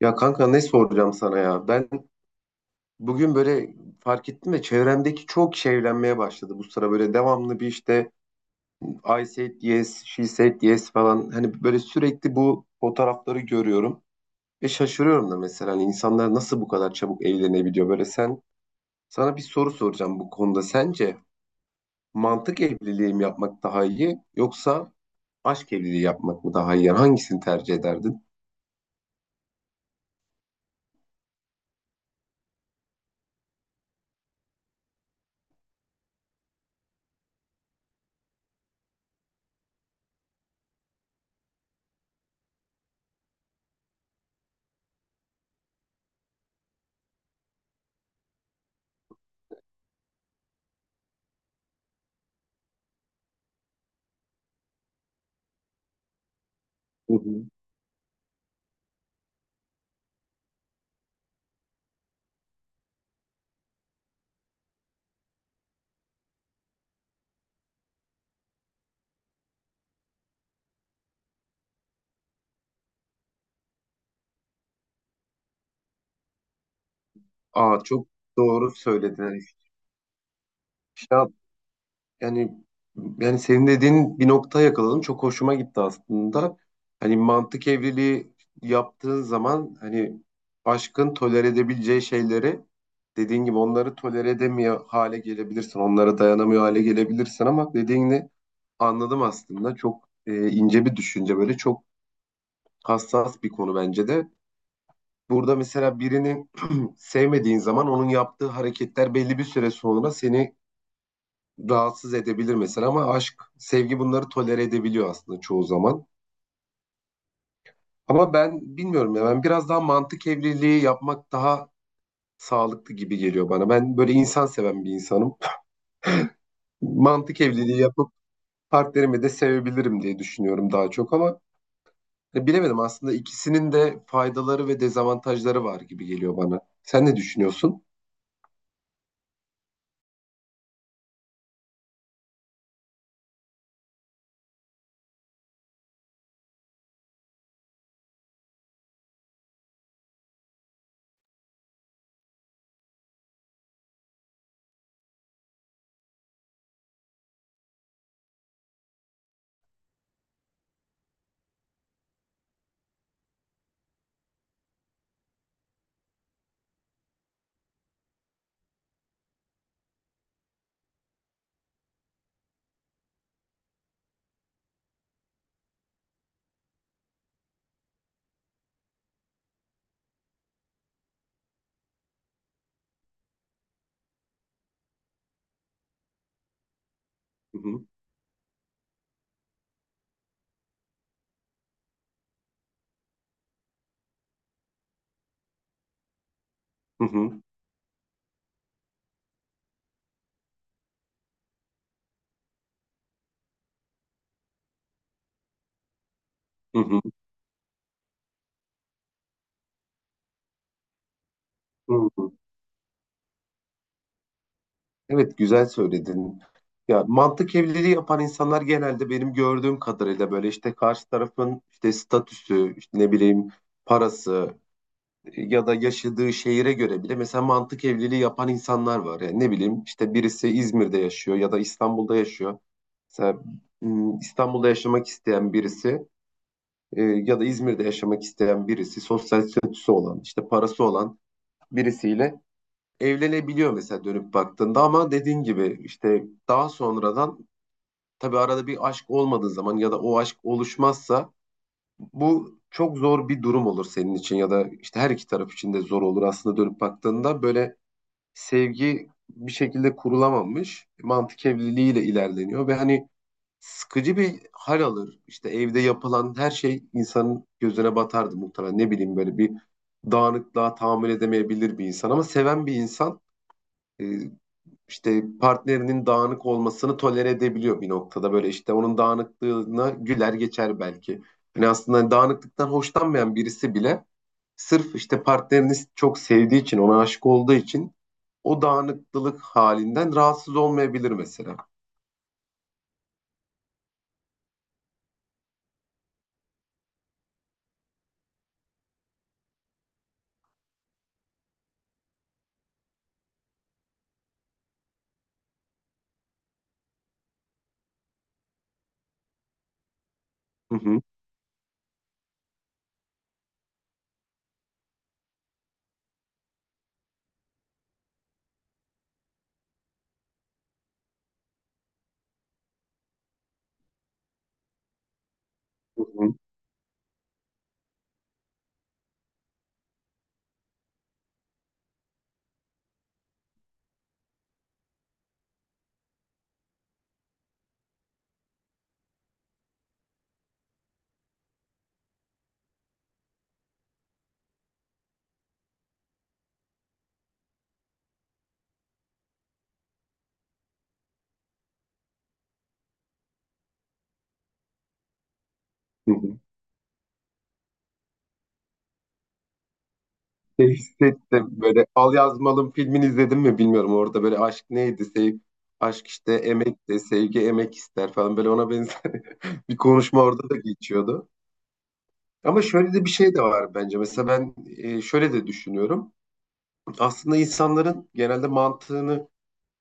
Ya kanka ne soracağım sana ya? Ben bugün böyle fark ettim de çevremdeki çok kişi evlenmeye başladı bu sıra böyle devamlı bir işte I said yes, she said yes falan hani böyle sürekli bu fotoğrafları görüyorum ve şaşırıyorum da mesela hani insanlar nasıl bu kadar çabuk evlenebiliyor böyle sana bir soru soracağım bu konuda sence mantık evliliği mi yapmak daha iyi yoksa aşk evliliği yapmak mı daha iyi yani hangisini tercih ederdin? Hı hı. Aa çok doğru söyledin. Hani işte. Yani yani senin dediğin bir noktaya yakaladım. Çok hoşuma gitti aslında. Hani mantık evliliği yaptığın zaman hani aşkın tolere edebileceği şeyleri dediğin gibi onları tolere edemiyor hale gelebilirsin. Onlara dayanamıyor hale gelebilirsin ama dediğini anladım aslında. Çok ince bir düşünce, böyle çok hassas bir konu bence de. Burada mesela birini sevmediğin zaman onun yaptığı hareketler belli bir süre sonra seni rahatsız edebilir mesela ama aşk, sevgi bunları tolere edebiliyor aslında çoğu zaman. Ama ben bilmiyorum ya, ben biraz daha mantık evliliği yapmak daha sağlıklı gibi geliyor bana. Ben böyle insan seven bir insanım. Mantık evliliği yapıp partnerimi de sevebilirim diye düşünüyorum daha çok ama bilemedim aslında, ikisinin de faydaları ve dezavantajları var gibi geliyor bana. Sen ne düşünüyorsun? Hı hı, hı hı, hı hı, hı hı. Evet, güzel söyledin. Ya mantık evliliği yapan insanlar genelde benim gördüğüm kadarıyla böyle işte karşı tarafın işte statüsü, işte ne bileyim parası ya da yaşadığı şehire göre bile mesela mantık evliliği yapan insanlar var. Yani ne bileyim işte birisi İzmir'de yaşıyor ya da İstanbul'da yaşıyor. Mesela İstanbul'da yaşamak isteyen birisi ya da İzmir'de yaşamak isteyen birisi sosyal statüsü olan, işte parası olan birisiyle evlenebiliyor mesela dönüp baktığında, ama dediğin gibi işte daha sonradan tabii arada bir aşk olmadığı zaman ya da o aşk oluşmazsa bu çok zor bir durum olur senin için ya da işte her iki taraf için de zor olur aslında. Dönüp baktığında böyle sevgi bir şekilde kurulamamış, mantık evliliğiyle ilerleniyor ve hani sıkıcı bir hal alır. İşte evde yapılan her şey insanın gözüne batardı muhtemelen, ne bileyim böyle bir dağınıklığa tahammül edemeyebilir bir insan ama seven bir insan e, işte partnerinin dağınık olmasını tolere edebiliyor bir noktada. Böyle işte onun dağınıklığına güler geçer belki. Hani aslında dağınıklıktan hoşlanmayan birisi bile sırf işte partnerini çok sevdiği için, ona aşık olduğu için o dağınıklılık halinden rahatsız olmayabilir mesela. Hı hı, hı hı, hı hı. Şey hissettim böyle, Al Yazmalım filmini izledim mi bilmiyorum, orada böyle aşk neydi, aşk işte emek, de sevgi emek ister falan, böyle ona benzer bir konuşma orada da geçiyordu. Ama şöyle de bir şey de var bence. Mesela ben şöyle de düşünüyorum. Aslında insanların genelde mantığını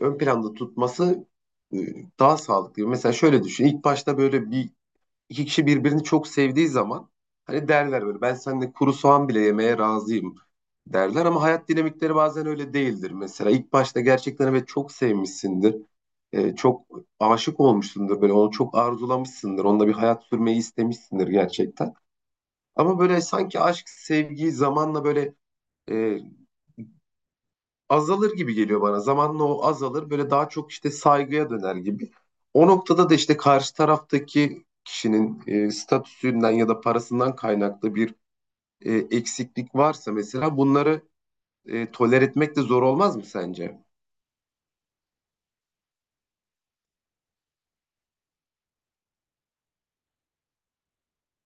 ön planda tutması e, daha sağlıklı. Mesela şöyle düşün. İlk başta böyle bir iki kişi birbirini çok sevdiği zaman hani derler böyle, ben seninle kuru soğan bile yemeye razıyım derler, ama hayat dinamikleri bazen öyle değildir. Mesela ilk başta gerçekten evet çok sevmişsindir. Çok aşık olmuşsundur, böyle onu çok arzulamışsındır. Onunla bir hayat sürmeyi istemişsindir gerçekten. Ama böyle sanki aşk, sevgi zamanla böyle e, azalır gibi geliyor bana. Zamanla o azalır, böyle daha çok işte saygıya döner gibi. O noktada da işte karşı taraftaki kişinin statüsünden ya da parasından kaynaklı bir eksiklik varsa mesela bunları toler etmek de zor olmaz mı sence?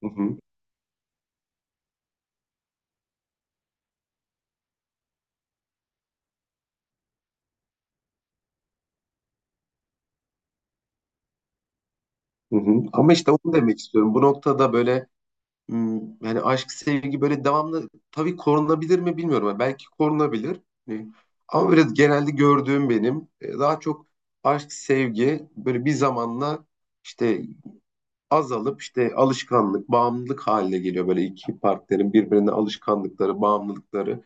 Hı hı, hı hı. Ama işte onu demek istiyorum. Bu noktada böyle yani aşk, sevgi böyle devamlı tabii korunabilir mi bilmiyorum. Yani belki korunabilir. Hani ama böyle genelde gördüğüm benim daha çok aşk, sevgi böyle bir zamanla işte azalıp işte alışkanlık, bağımlılık haline geliyor. Böyle iki partnerin birbirine alışkanlıkları, bağımlılıkları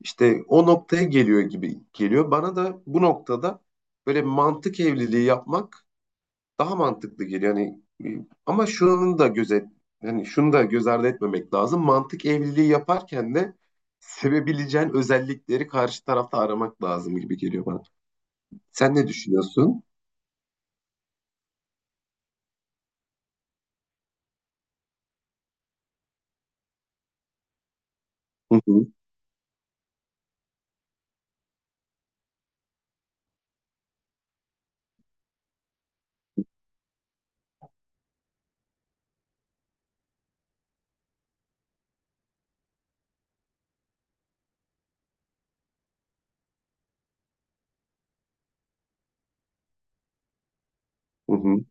işte o noktaya geliyor gibi geliyor. Bana da bu noktada böyle mantık evliliği yapmak daha mantıklı geliyor. Yani ama şunun da gözet yani şunu da göz ardı etmemek lazım. Mantık evliliği yaparken de sevebileceğin özellikleri karşı tarafta aramak lazım gibi geliyor bana. Sen ne düşünüyorsun? Hı hı, hı hı.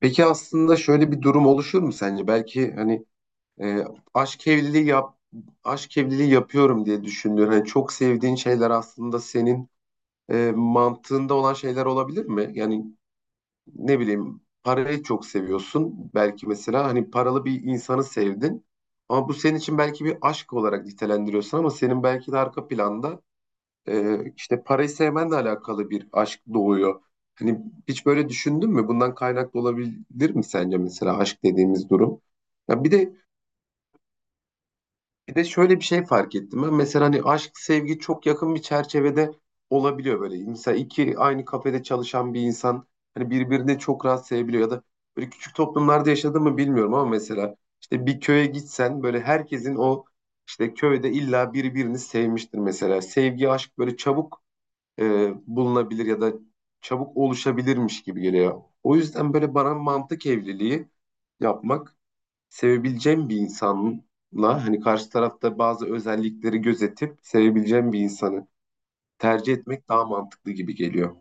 Peki aslında şöyle bir durum oluşur mu sence? Belki hani e, aşk evliliği yap aşk evliliği yapıyorum diye düşündüğün hani çok sevdiğin şeyler aslında senin mantığında olan şeyler olabilir mi? Yani ne bileyim parayı çok seviyorsun. Belki mesela hani paralı bir insanı sevdin. Ama bu senin için belki bir aşk olarak nitelendiriyorsun, ama senin belki de arka planda işte parayı sevmenle alakalı bir aşk doğuyor. Hani hiç böyle düşündün mü? Bundan kaynaklı olabilir mi sence mesela aşk dediğimiz durum? Ya bir de şöyle bir şey fark ettim ben. Mesela hani aşk, sevgi çok yakın bir çerçevede olabiliyor böyle. Mesela iki aynı kafede çalışan bir insan hani birbirini çok rahat sevebiliyor ya da böyle küçük toplumlarda yaşadı mı bilmiyorum, ama mesela işte bir köye gitsen böyle herkesin o işte köyde illa birbirini sevmiştir mesela. Sevgi, aşk böyle çabuk e, bulunabilir ya da çabuk oluşabilirmiş gibi geliyor. O yüzden böyle bana mantık evliliği yapmak, sevebileceğim bir insanla hani karşı tarafta bazı özellikleri gözetip sevebileceğim bir insanı tercih etmek daha mantıklı gibi geliyor.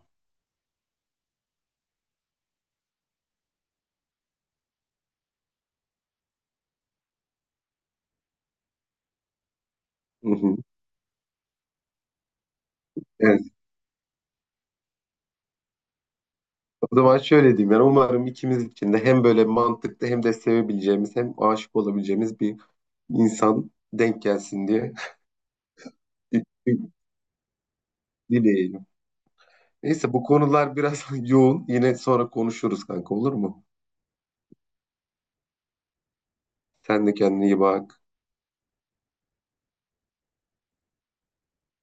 Hı hı. Evet. O zaman şöyle diyeyim, yani umarım ikimiz için de hem böyle mantıklı, hem de sevebileceğimiz, hem aşık olabileceğimiz bir insan denk gelsin diye dileyelim. Neyse bu konular biraz yoğun. Yine sonra konuşuruz kanka, olur mu? Sen de kendine iyi bak.